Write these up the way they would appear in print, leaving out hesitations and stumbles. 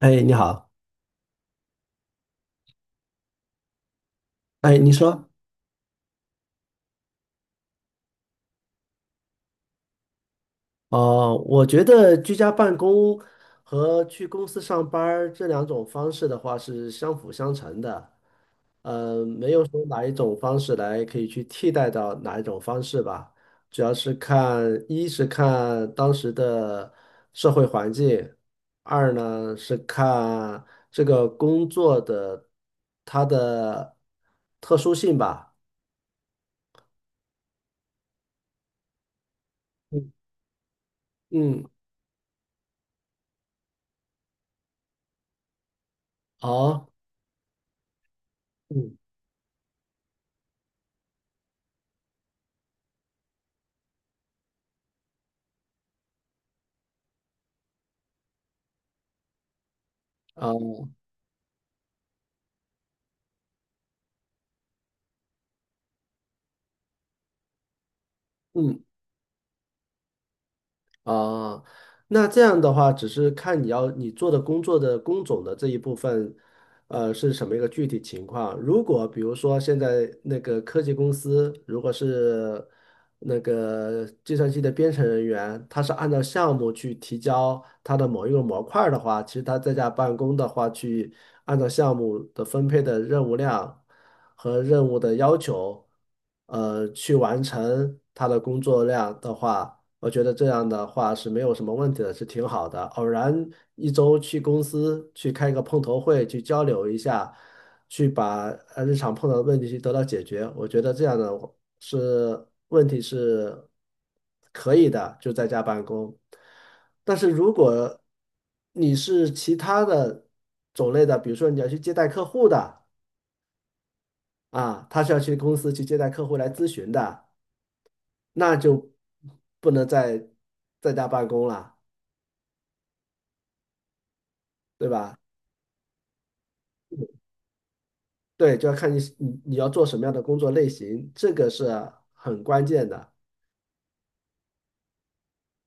哎，你好。哎，你说。哦，我觉得居家办公和去公司上班儿这两种方式的话是相辅相成的，没有说哪一种方式来可以去替代到哪一种方式吧，主要是看，一是看当时的社会环境，二呢是看这个工作的它的特殊性吧。嗯。好。嗯。啊。嗯。啊，那这样的话，只是看你要做的工作的工种的这一部分，是什么一个具体情况？如果比如说现在那个科技公司，如果是那个计算机的编程人员，他是按照项目去提交他的某一个模块儿的话，其实他在家办公的话，去按照项目的分配的任务量和任务的要求，去完成他的工作量的话，我觉得这样的话是没有什么问题的，是挺好的。偶然一周去公司去开一个碰头会，去交流一下，去把日常碰到的问题去得到解决。我觉得这样的是问题是可以的，就在家办公。但是如果你是其他的种类的，比如说你要去接待客户的啊，他是要去公司去接待客户来咨询的，那就不能再在家办公了。对吧？对，就要看你要做什么样的工作类型，这个是很关键的。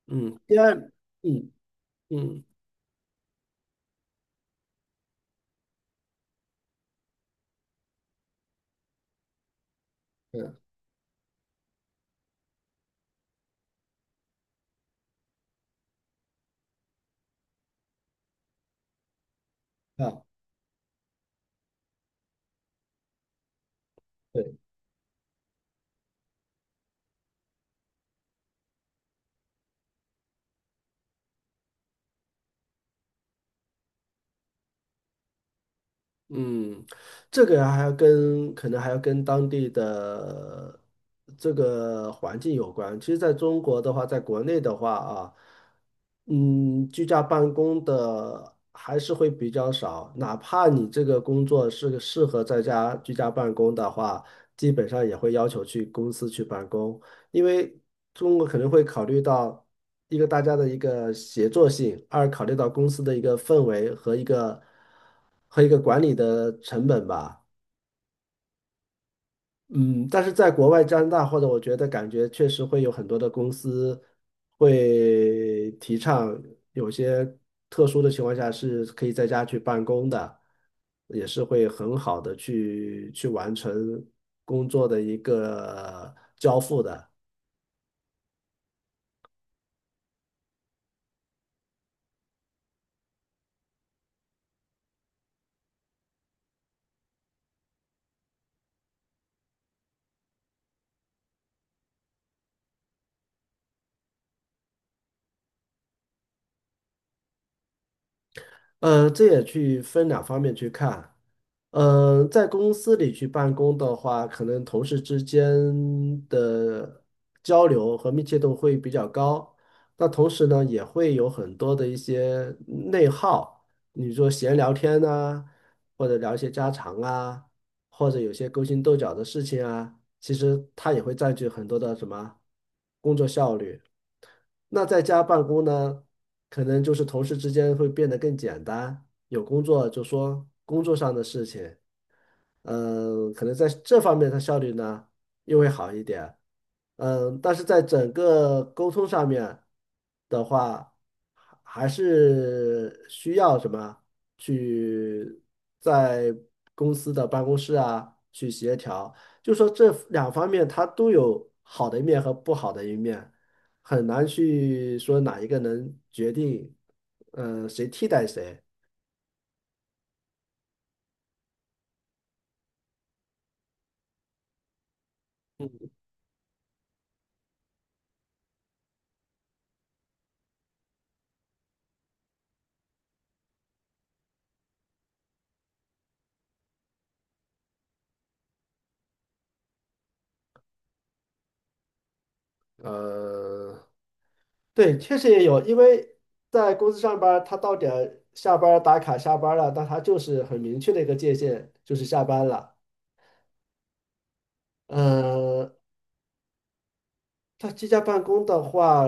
嗯，第二，嗯。嗯。嗯。啊。对。嗯，这个还要跟当地的这个环境有关。其实，在中国的话，在国内的话啊，嗯，居家办公的还是会比较少。哪怕你这个工作是个适合在家居家办公的话，基本上也会要求去公司去办公，因为中国可能会考虑到一个大家的一个协作性，二考虑到公司的一个氛围和一个，和一个管理的成本吧。嗯，但是在国外加拿大或者我觉得感觉确实会有很多的公司会提倡有些特殊的情况下是可以在家去办公的，也是会很好的去完成工作的一个交付的。这也去分两方面去看。在公司里去办公的话，可能同事之间的交流和密切度会比较高。那同时呢，也会有很多的一些内耗，你说闲聊天呐、或者聊一些家常啊，或者有些勾心斗角的事情啊，其实它也会占据很多的什么工作效率。那在家办公呢，可能就是同事之间会变得更简单，有工作就说工作上的事情，嗯，可能在这方面它效率呢又会好一点。嗯，但是在整个沟通上面的话，还是需要什么去在公司的办公室啊去协调，就说这两方面它都有好的一面和不好的一面。很难去说哪一个能决定，谁替代谁。呃，对，确实也有，因为在公司上班儿他到点儿下班儿打卡下班儿了，那他就是很明确的一个界限，就是下班了。嗯。他居家办公的话，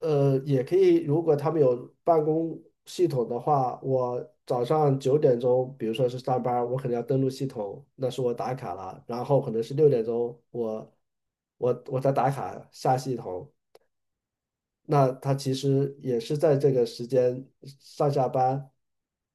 呃，也可以，如果他们有办公系统的话，我早上九点钟，比如说是上班儿我可能要登录系统，那是我打卡了，然后可能是六点钟，我在打卡下系统，那他其实也是在这个时间上下班。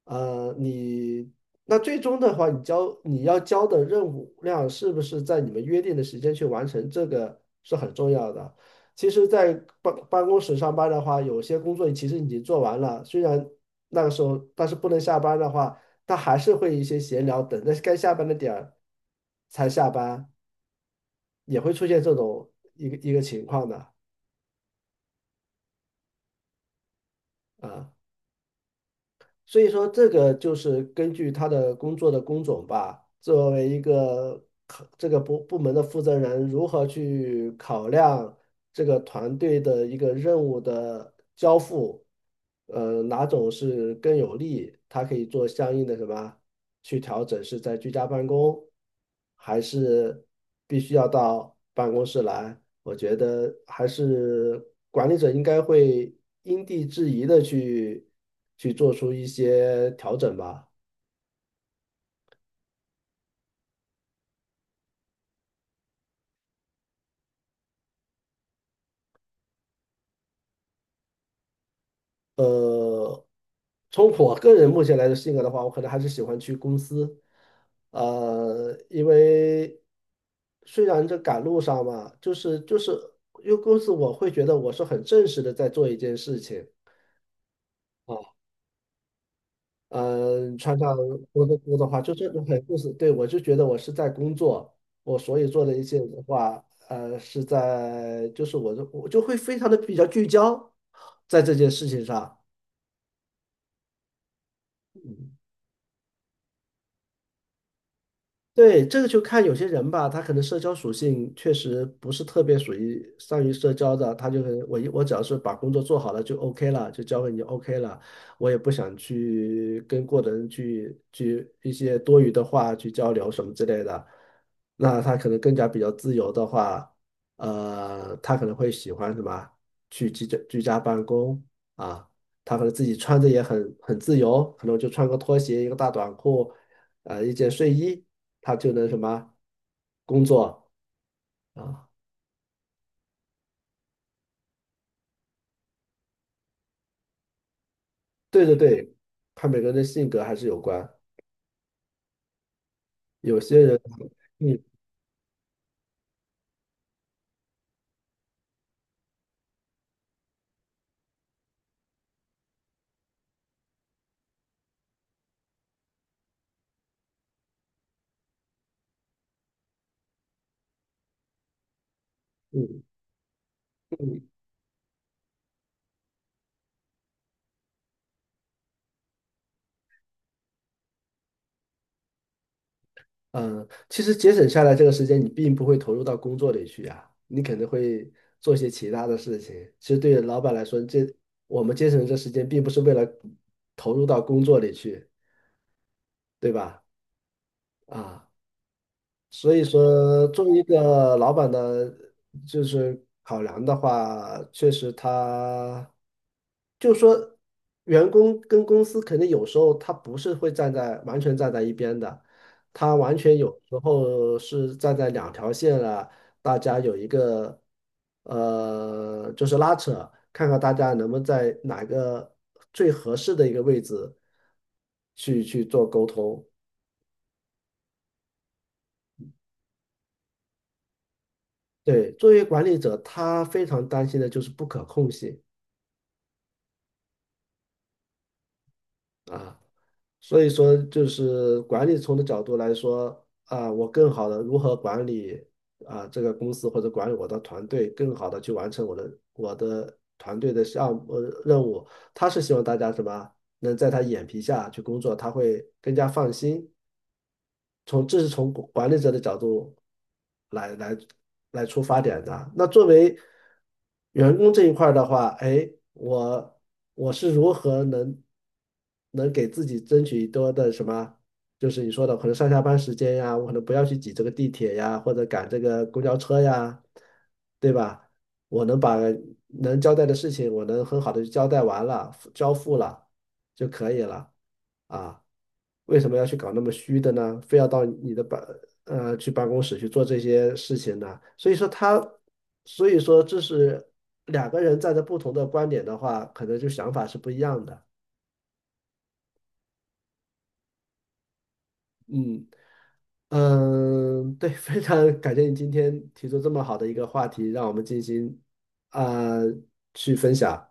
呃，你那最终的话，你交你要交的任务量是不是在你们约定的时间去完成，这个是很重要的。其实，在办公室上班的话，有些工作其实已经做完了，虽然那个时候，但是不能下班的话，他还是会一些闲聊，等着该下班的点儿才下班，也会出现这种一个情况的啊。所以说，这个就是根据他的工作的工种吧，作为一个考这个部门的负责人，如何去考量这个团队的一个任务的交付，哪种是更有利，他可以做相应的什么去调整，是在居家办公，还是必须要到办公室来？我觉得还是管理者应该会因地制宜的去做出一些调整吧。呃，从我个人目前来的性格的话，我可能还是喜欢去公司，因为虽然这赶路上嘛，就是因为公司我会觉得我是很正式的在做一件事情。啊。嗯，穿上工作服的话，就这种很就是，对，我就觉得我是在工作，我所以做的一些的话，呃，是在就是我就会非常的比较聚焦在这件事情上。对，这个就看有些人吧，他可能社交属性确实不是特别属于善于社交的，他就可能我只要是把工作做好了就 OK 了，就交给你 OK 了，我也不想去跟过的人去一些多余的话去交流什么之类的。那他可能更加比较自由的话，他可能会喜欢什么去居家办公啊，他可能自己穿着也很自由，可能就穿个拖鞋一个大短裤。啊，一件睡衣，他就能什么工作啊？对对对，他每个人的性格还是有关。有些人，嗯。嗯。嗯。嗯。其实节省下来这个时间，你并不会投入到工作里去呀，你可能会做些其他的事情。其实对老板来说，这我们节省这时间，并不是为了投入到工作里去，对吧？啊。所以说，作为一个老板的，就是考量的话，确实他，就说员工跟公司肯定有时候他不是会完全站在一边的，他完全有时候是站在两条线了，大家有一个就是拉扯，看看大家能不能在哪个最合适的一个位置去做沟通。对，作为管理者，他非常担心的就是不可控性啊，所以说就是管理层的角度来说啊，我更好的如何管理啊这个公司或者管理我的团队，更好的去完成我的团队的项目任务。他是希望大家什么能在他眼皮下去工作，他会更加放心，从这是从管理者的角度来来来出发点的啊。那作为员工这一块儿的话，哎，我是如何能能给自己争取多的什么？就是你说的，可能上下班时间呀，我可能不要去挤这个地铁呀，或者赶这个公交车呀，对吧？我能把能交代的事情，我能很好的交代完了，交付了就可以了。啊，为什么要去搞那么虚的呢？非要到你的办呃去办公室去做这些事情呢？所以说他，所以说这是两个人站在不同的观点的话，可能就想法是不一样的。嗯。嗯，对，非常感谢你今天提出这么好的一个话题，让我们进行啊、去分享。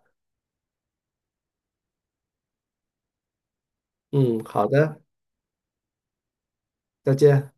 嗯，好的，再见。